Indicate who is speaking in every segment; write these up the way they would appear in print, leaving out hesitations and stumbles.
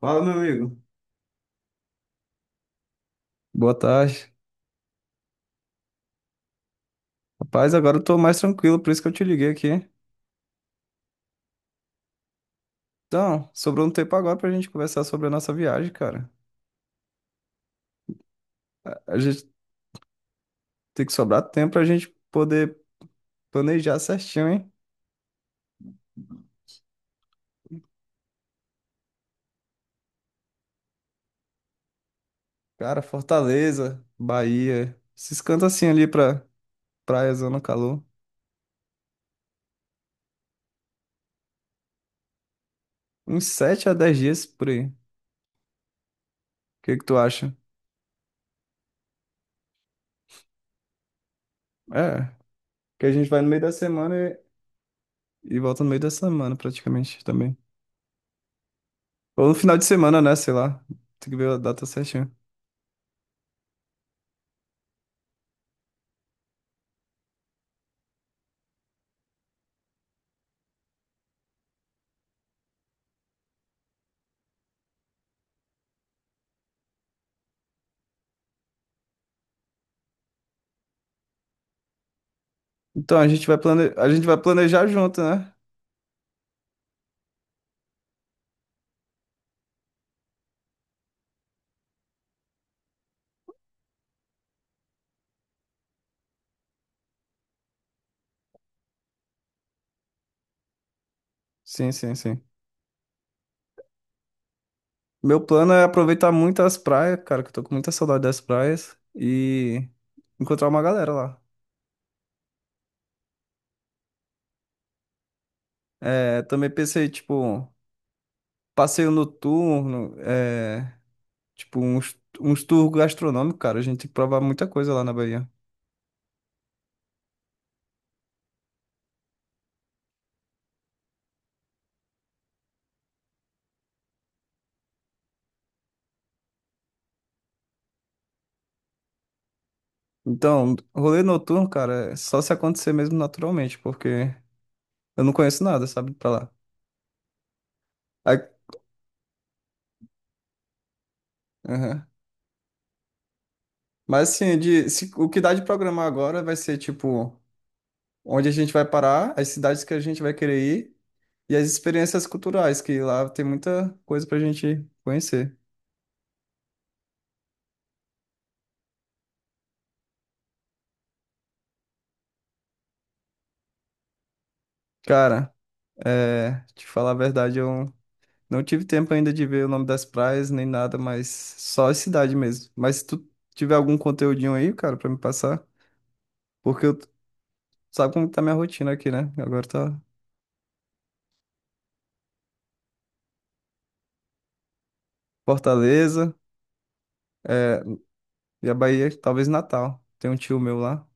Speaker 1: Fala, meu amigo. Boa tarde. Rapaz, agora eu tô mais tranquilo, por isso que eu te liguei aqui. Então, sobrou um tempo agora pra gente conversar sobre a nossa viagem, cara. A gente tem que sobrar tempo pra gente poder planejar certinho, hein? Cara, Fortaleza, Bahia, esses cantos assim ali pra praia, zona calor. Uns 7 a 10 dias por aí. O que que tu acha? É, que a gente vai no meio da semana e volta no meio da semana praticamente também. Ou no final de semana, né? Sei lá. Tem que ver a data certinha. Então a gente vai a gente vai planejar junto, né? Sim, sim, sim. Meu plano é aproveitar muito as praias, cara, que eu tô com muita saudade das praias e encontrar uma galera lá. É, também pensei, tipo, passeio noturno, tipo, uns tours gastronômicos, cara. A gente tem que provar muita coisa lá na Bahia. Então, rolê noturno, cara, é só se acontecer mesmo naturalmente, porque eu não conheço nada, sabe, pra lá. Aí- Aham. Mas assim, o que dá de programar agora vai ser, tipo, onde a gente vai parar, as cidades que a gente vai querer ir e as experiências culturais, que lá tem muita coisa pra gente conhecer. Cara, é, te falar a verdade, eu não tive tempo ainda de ver o nome das praias nem nada, mas só a cidade mesmo. Mas se tu tiver algum conteúdinho aí, cara, pra me passar, porque eu, sabe como tá minha rotina aqui, né? Agora tá Fortaleza, é, e a Bahia, talvez Natal. Tem um tio meu lá.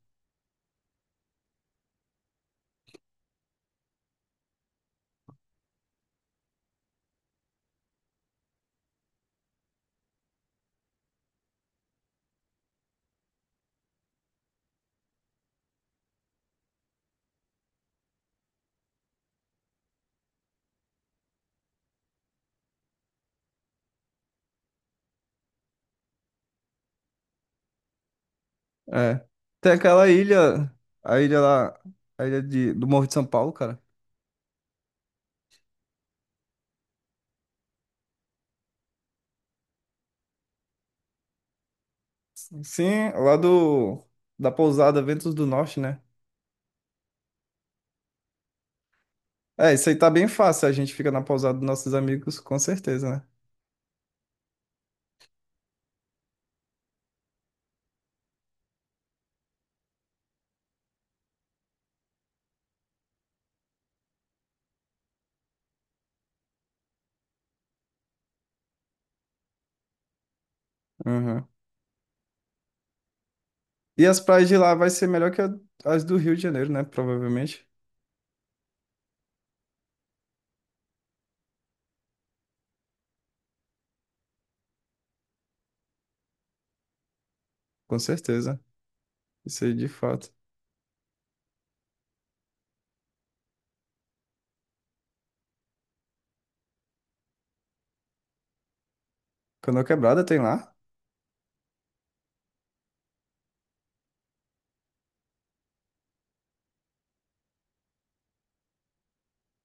Speaker 1: É. Tem aquela ilha, a ilha lá, a ilha do Morro de São Paulo, cara. Sim, da pousada Ventos do Norte, né? É, isso aí tá bem fácil, a gente fica na pousada dos nossos amigos, com certeza, né? Uhum. E as praias de lá vai ser melhor que as do Rio de Janeiro, né? Provavelmente, com certeza. Isso aí de fato. Canoa Quebrada tem lá?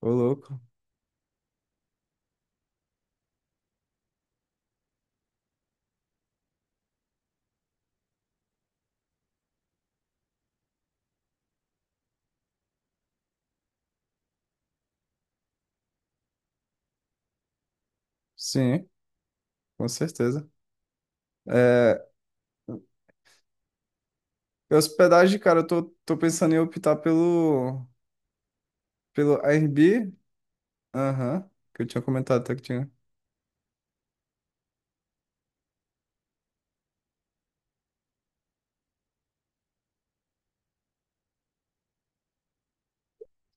Speaker 1: Ô, louco. Sim, com certeza. É, hospedagem, cara, tô pensando em optar pelo Airbnb. Aham, que eu tinha comentado até que tinha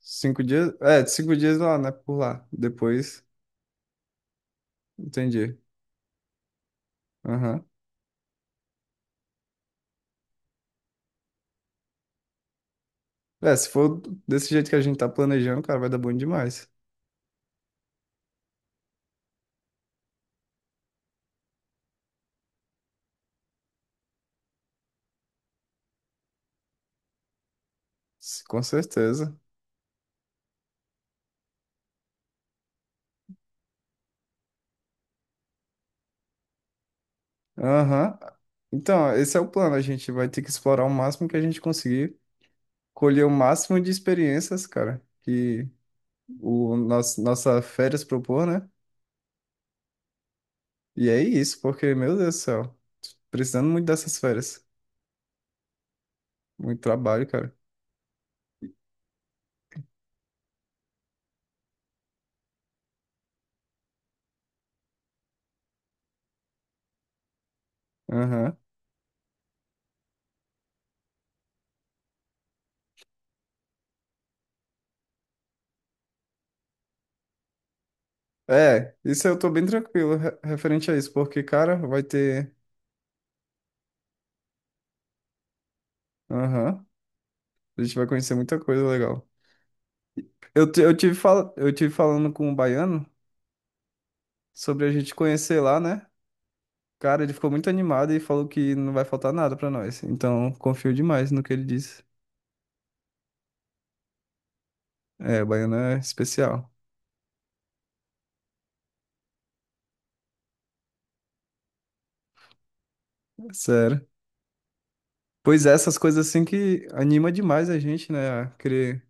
Speaker 1: 5 dias. É, 5 dias lá, né? Por lá. Depois, entendi. Aham. É, se for desse jeito que a gente tá planejando, cara, vai dar bom demais. Com certeza. Aham. Então, esse é o plano. A gente vai ter que explorar o máximo que a gente conseguir, colher o máximo de experiências, cara, que nossa férias propor, né? E é isso, porque, meu Deus do céu, precisando muito dessas férias. Muito trabalho, cara. Aham. É, isso eu tô bem tranquilo referente a isso, porque, cara, vai ter. Aham, a gente vai conhecer muita coisa legal. Eu tive falando com um baiano sobre a gente conhecer lá, né? Cara, ele ficou muito animado e falou que não vai faltar nada pra nós. Então, confio demais no que ele disse. É, baiano é especial, é sério. Pois é, essas coisas assim que anima demais a gente, né? A querer.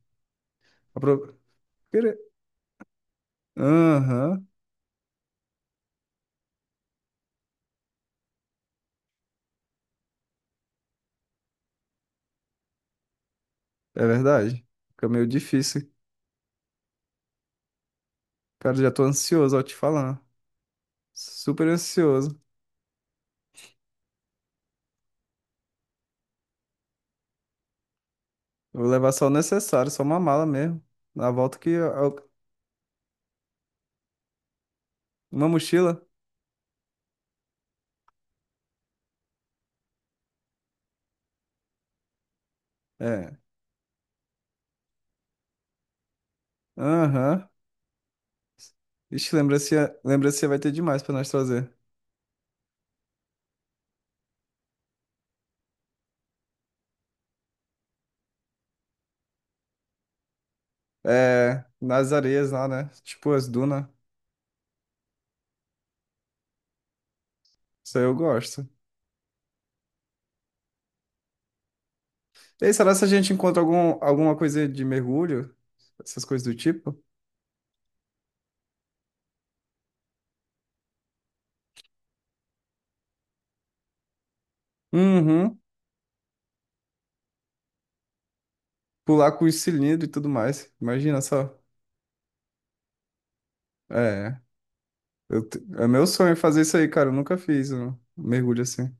Speaker 1: apro- querer- Aham, é verdade. Fica meio difícil. Cara, já tô ansioso ao te falar. Super ansioso. Eu vou levar só o necessário, só uma mala mesmo. Na volta que. Eu- Uma mochila? É. Aham. Ixi, lembrancinha, lembrancinha vai ter demais pra nós trazer. É. Nas areias lá, né? Tipo as dunas. Isso aí eu gosto. E aí, será se a gente encontra alguma coisa de mergulho? Essas coisas do tipo? Uhum. Pular com os cilindros e tudo mais. Imagina só. É. É meu sonho fazer isso aí, cara. Eu nunca fiz um mergulho assim.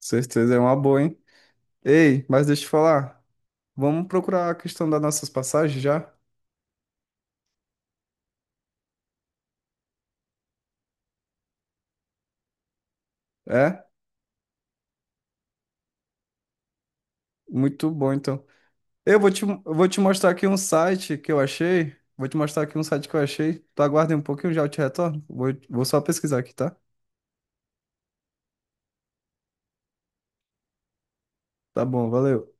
Speaker 1: Certeza, é uma boa, hein? Ei, mas deixa eu te falar. Vamos procurar a questão das nossas passagens já? É? Muito bom, então. Eu vou te mostrar aqui um site que eu achei. Vou te mostrar aqui um site que eu achei. Tu aguarda aí um pouquinho, já eu te retorno. Vou só pesquisar aqui, tá? Tá bom, valeu.